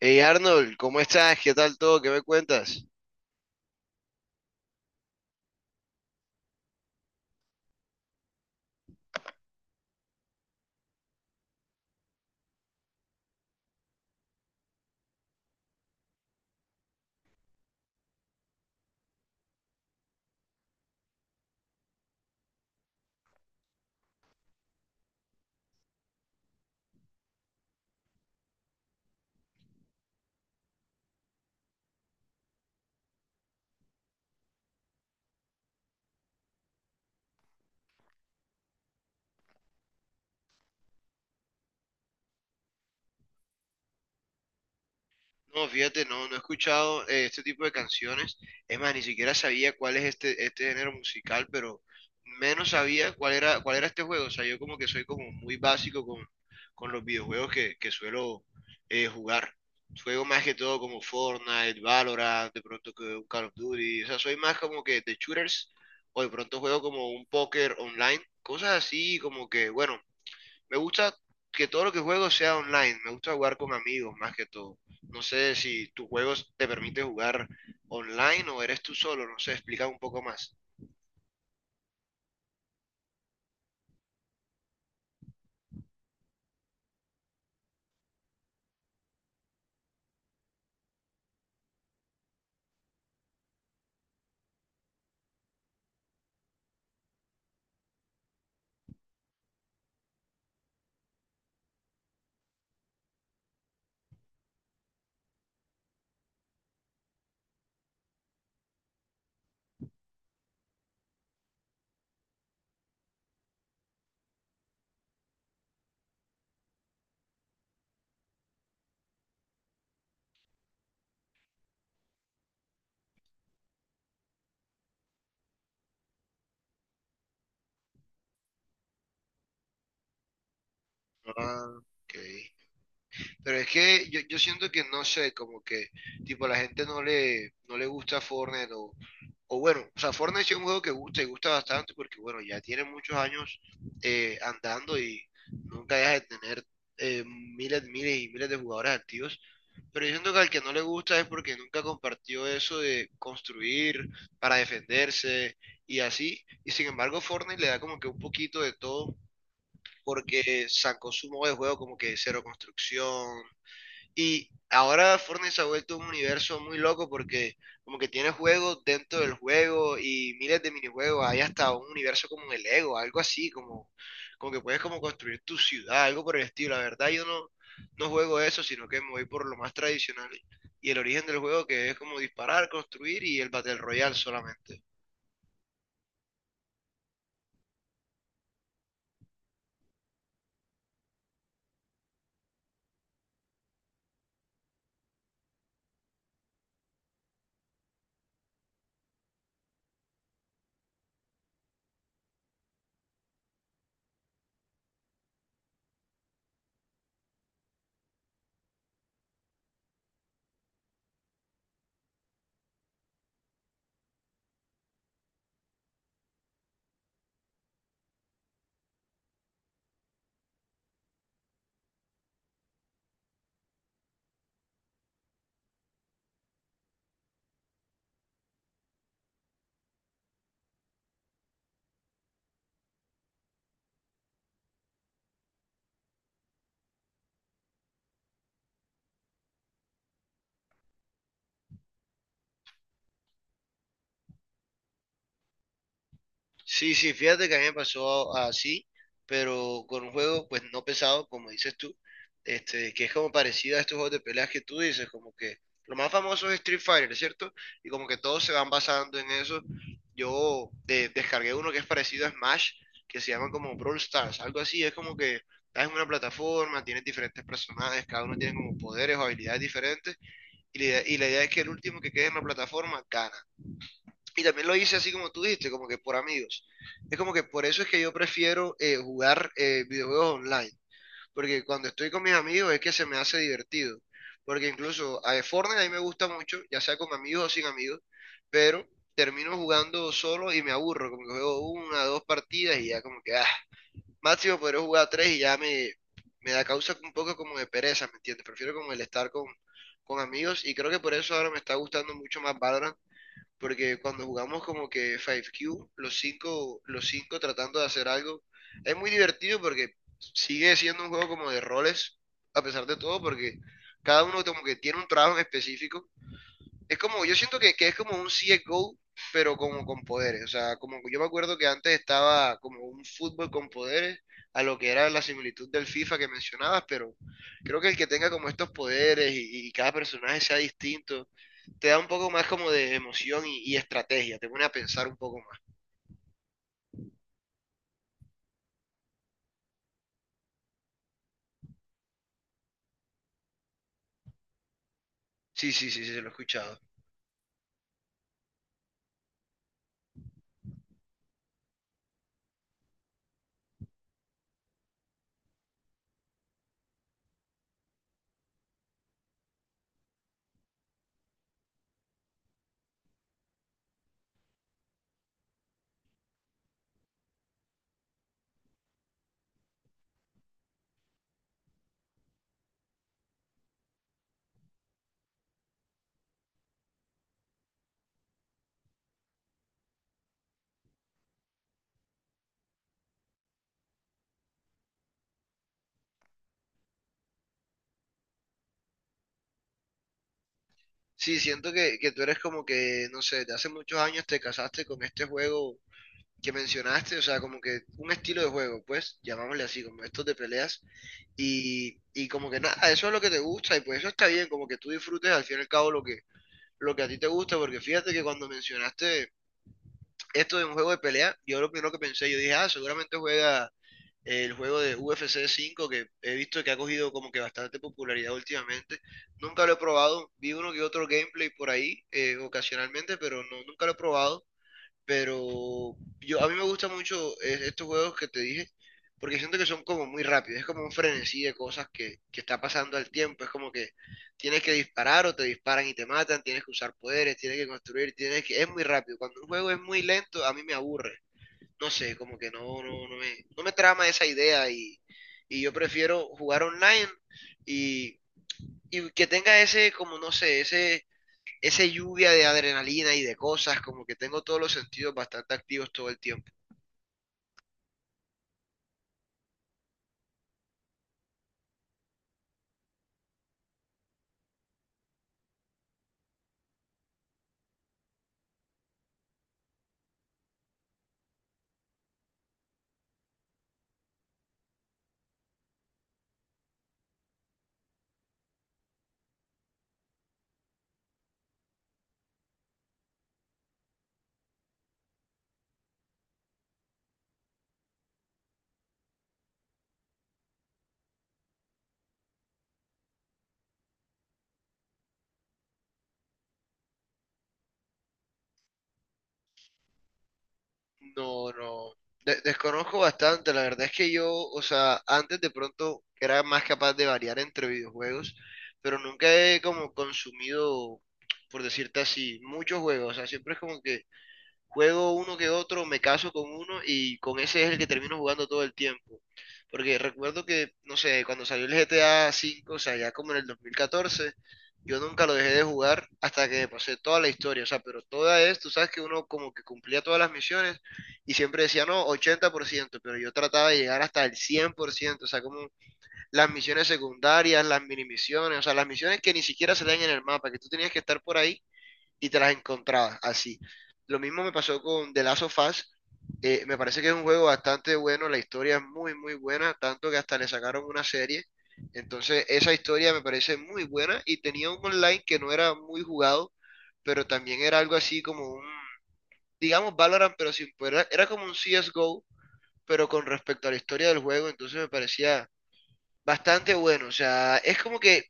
Hey Arnold, ¿cómo estás? ¿Qué tal todo? ¿Qué me cuentas? No, fíjate, no, no he escuchado este tipo de canciones. Es más, ni siquiera sabía cuál es este género musical, pero menos sabía cuál era este juego. O sea, yo como que soy como muy básico con los videojuegos que suelo jugar. Juego más que todo como Fortnite, Valorant, de pronto que un Call of Duty. O sea, soy más como que de shooters o de pronto juego como un póker online. Cosas así como que, bueno. Me gusta que todo lo que juego sea online, me gusta jugar con amigos más que todo. No sé si tu juego te permite jugar online o eres tú solo, no sé, explica un poco más. Ah, ok. Pero es que yo siento que no sé, como que tipo la gente no no le gusta Fortnite o bueno, o sea, Fortnite sí es un juego que gusta y gusta bastante porque bueno, ya tiene muchos años andando y nunca deja de tener miles, miles y miles de jugadores activos. Pero yo siento que al que no le gusta es porque nunca compartió eso de construir para defenderse y así. Y sin embargo, Fortnite le da como que un poquito de todo porque sacó su modo de juego como que cero construcción, y ahora Fortnite se ha vuelto un universo muy loco porque como que tiene juegos dentro del juego y miles de minijuegos. Hay hasta un universo como el Lego, algo así, como, como que puedes como construir tu ciudad, algo por el estilo. La verdad yo no, no juego eso, sino que me voy por lo más tradicional y el origen del juego que es como disparar, construir y el Battle Royale solamente. Sí, sí, fíjate que a mí me pasó así, pero con un juego pues no pesado, como dices tú, este, que es como parecido a estos juegos de peleas que tú dices, como que lo más famoso es Street Fighter, ¿cierto? Y como que todos se van basando en eso. Yo descargué uno que es parecido a Smash, que se llama como Brawl Stars, algo así, es como que estás en una plataforma, tienes diferentes personajes, cada uno tiene como poderes o habilidades diferentes, y la idea es que el último que quede en la plataforma gana. Y también lo hice así como tú dijiste, como que por amigos. Es como que por eso es que yo prefiero jugar videojuegos online, porque cuando estoy con mis amigos es que se me hace divertido. Porque incluso a Fortnite a mí me gusta mucho, ya sea con amigos o sin amigos, pero termino jugando solo y me aburro, como que juego una, dos partidas y ya como que, ah, máximo podré jugar tres y ya me da causa un poco como de pereza, ¿me entiendes? Prefiero como el estar con amigos y creo que por eso ahora me está gustando mucho más Valorant porque cuando jugamos como que 5Q, los cinco tratando de hacer algo, es muy divertido porque sigue siendo un juego como de roles, a pesar de todo, porque cada uno como que tiene un trabajo en específico es como, yo siento que es como un CSGO, pero como con poderes. O sea, como yo me acuerdo que antes estaba como un fútbol con poderes, a lo que era la similitud del FIFA que mencionabas, pero creo que el que tenga como estos poderes y cada personaje sea distinto, te da un poco más como de emoción y estrategia, te pone a pensar un poco más. Sí, sí, sí, sí, se lo he escuchado. Sí, siento que tú eres como que, no sé, de hace muchos años te casaste con este juego que mencionaste, o sea, como que un estilo de juego, pues, llamámosle así, como estos de peleas, y como que nada, eso es lo que te gusta, y pues eso está bien, como que tú disfrutes al fin y al cabo lo lo que a ti te gusta, porque fíjate que cuando mencionaste esto de un juego de pelea, yo lo primero que pensé, yo dije, ah, seguramente juega el juego de UFC 5, que he visto que ha cogido como que bastante popularidad últimamente, nunca lo he probado, vi uno que otro gameplay por ahí, ocasionalmente, pero no, nunca lo he probado, pero yo, a mí me gustan mucho estos juegos que te dije, porque siento que son como muy rápidos, es como un frenesí de cosas que está pasando al tiempo, es como que tienes que disparar o te disparan y te matan, tienes que usar poderes, tienes que construir, tienes que, es muy rápido, cuando un juego es muy lento a mí me aburre, no sé, como que no, no, no no me trama esa idea y yo prefiero jugar online y, y que tenga ese, como no sé, ese lluvia de adrenalina y de cosas, como que tengo todos los sentidos bastante activos todo el tiempo. No, no, de- desconozco bastante, la verdad es que yo, o sea, antes de pronto era más capaz de variar entre videojuegos, pero nunca he como consumido, por decirte así, muchos juegos, o sea, siempre es como que juego uno que otro, me caso con uno y con ese es el que termino jugando todo el tiempo. Porque recuerdo que, no sé, cuando salió el GTA V, o sea, ya como en el 2014, yo nunca lo dejé de jugar hasta que pasé toda la historia. O sea, pero toda es, tú sabes que uno como que cumplía todas las misiones y siempre decía, no, 80%, pero yo trataba de llegar hasta el 100%. O sea, como las misiones secundarias, las mini misiones, o sea, las misiones que ni siquiera se dan en el mapa, que tú tenías que estar por ahí y te las encontrabas así. Lo mismo me pasó con The Last of Us. Me parece que es un juego bastante bueno, la historia es muy, muy buena, tanto que hasta le sacaron una serie. Entonces, esa historia me parece muy buena y tenía un online que no era muy jugado, pero también era algo así como un, digamos, Valorant, pero sin poder, era, era como un CSGO, pero con respecto a la historia del juego, entonces me parecía bastante bueno. O sea, es como que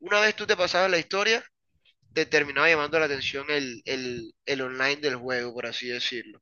una vez tú te pasabas la historia, te terminaba llamando la atención el online del juego, por así decirlo.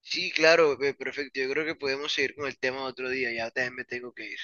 Sí, claro, perfecto. Yo creo que podemos seguir con el tema otro día. Ya también me tengo que ir.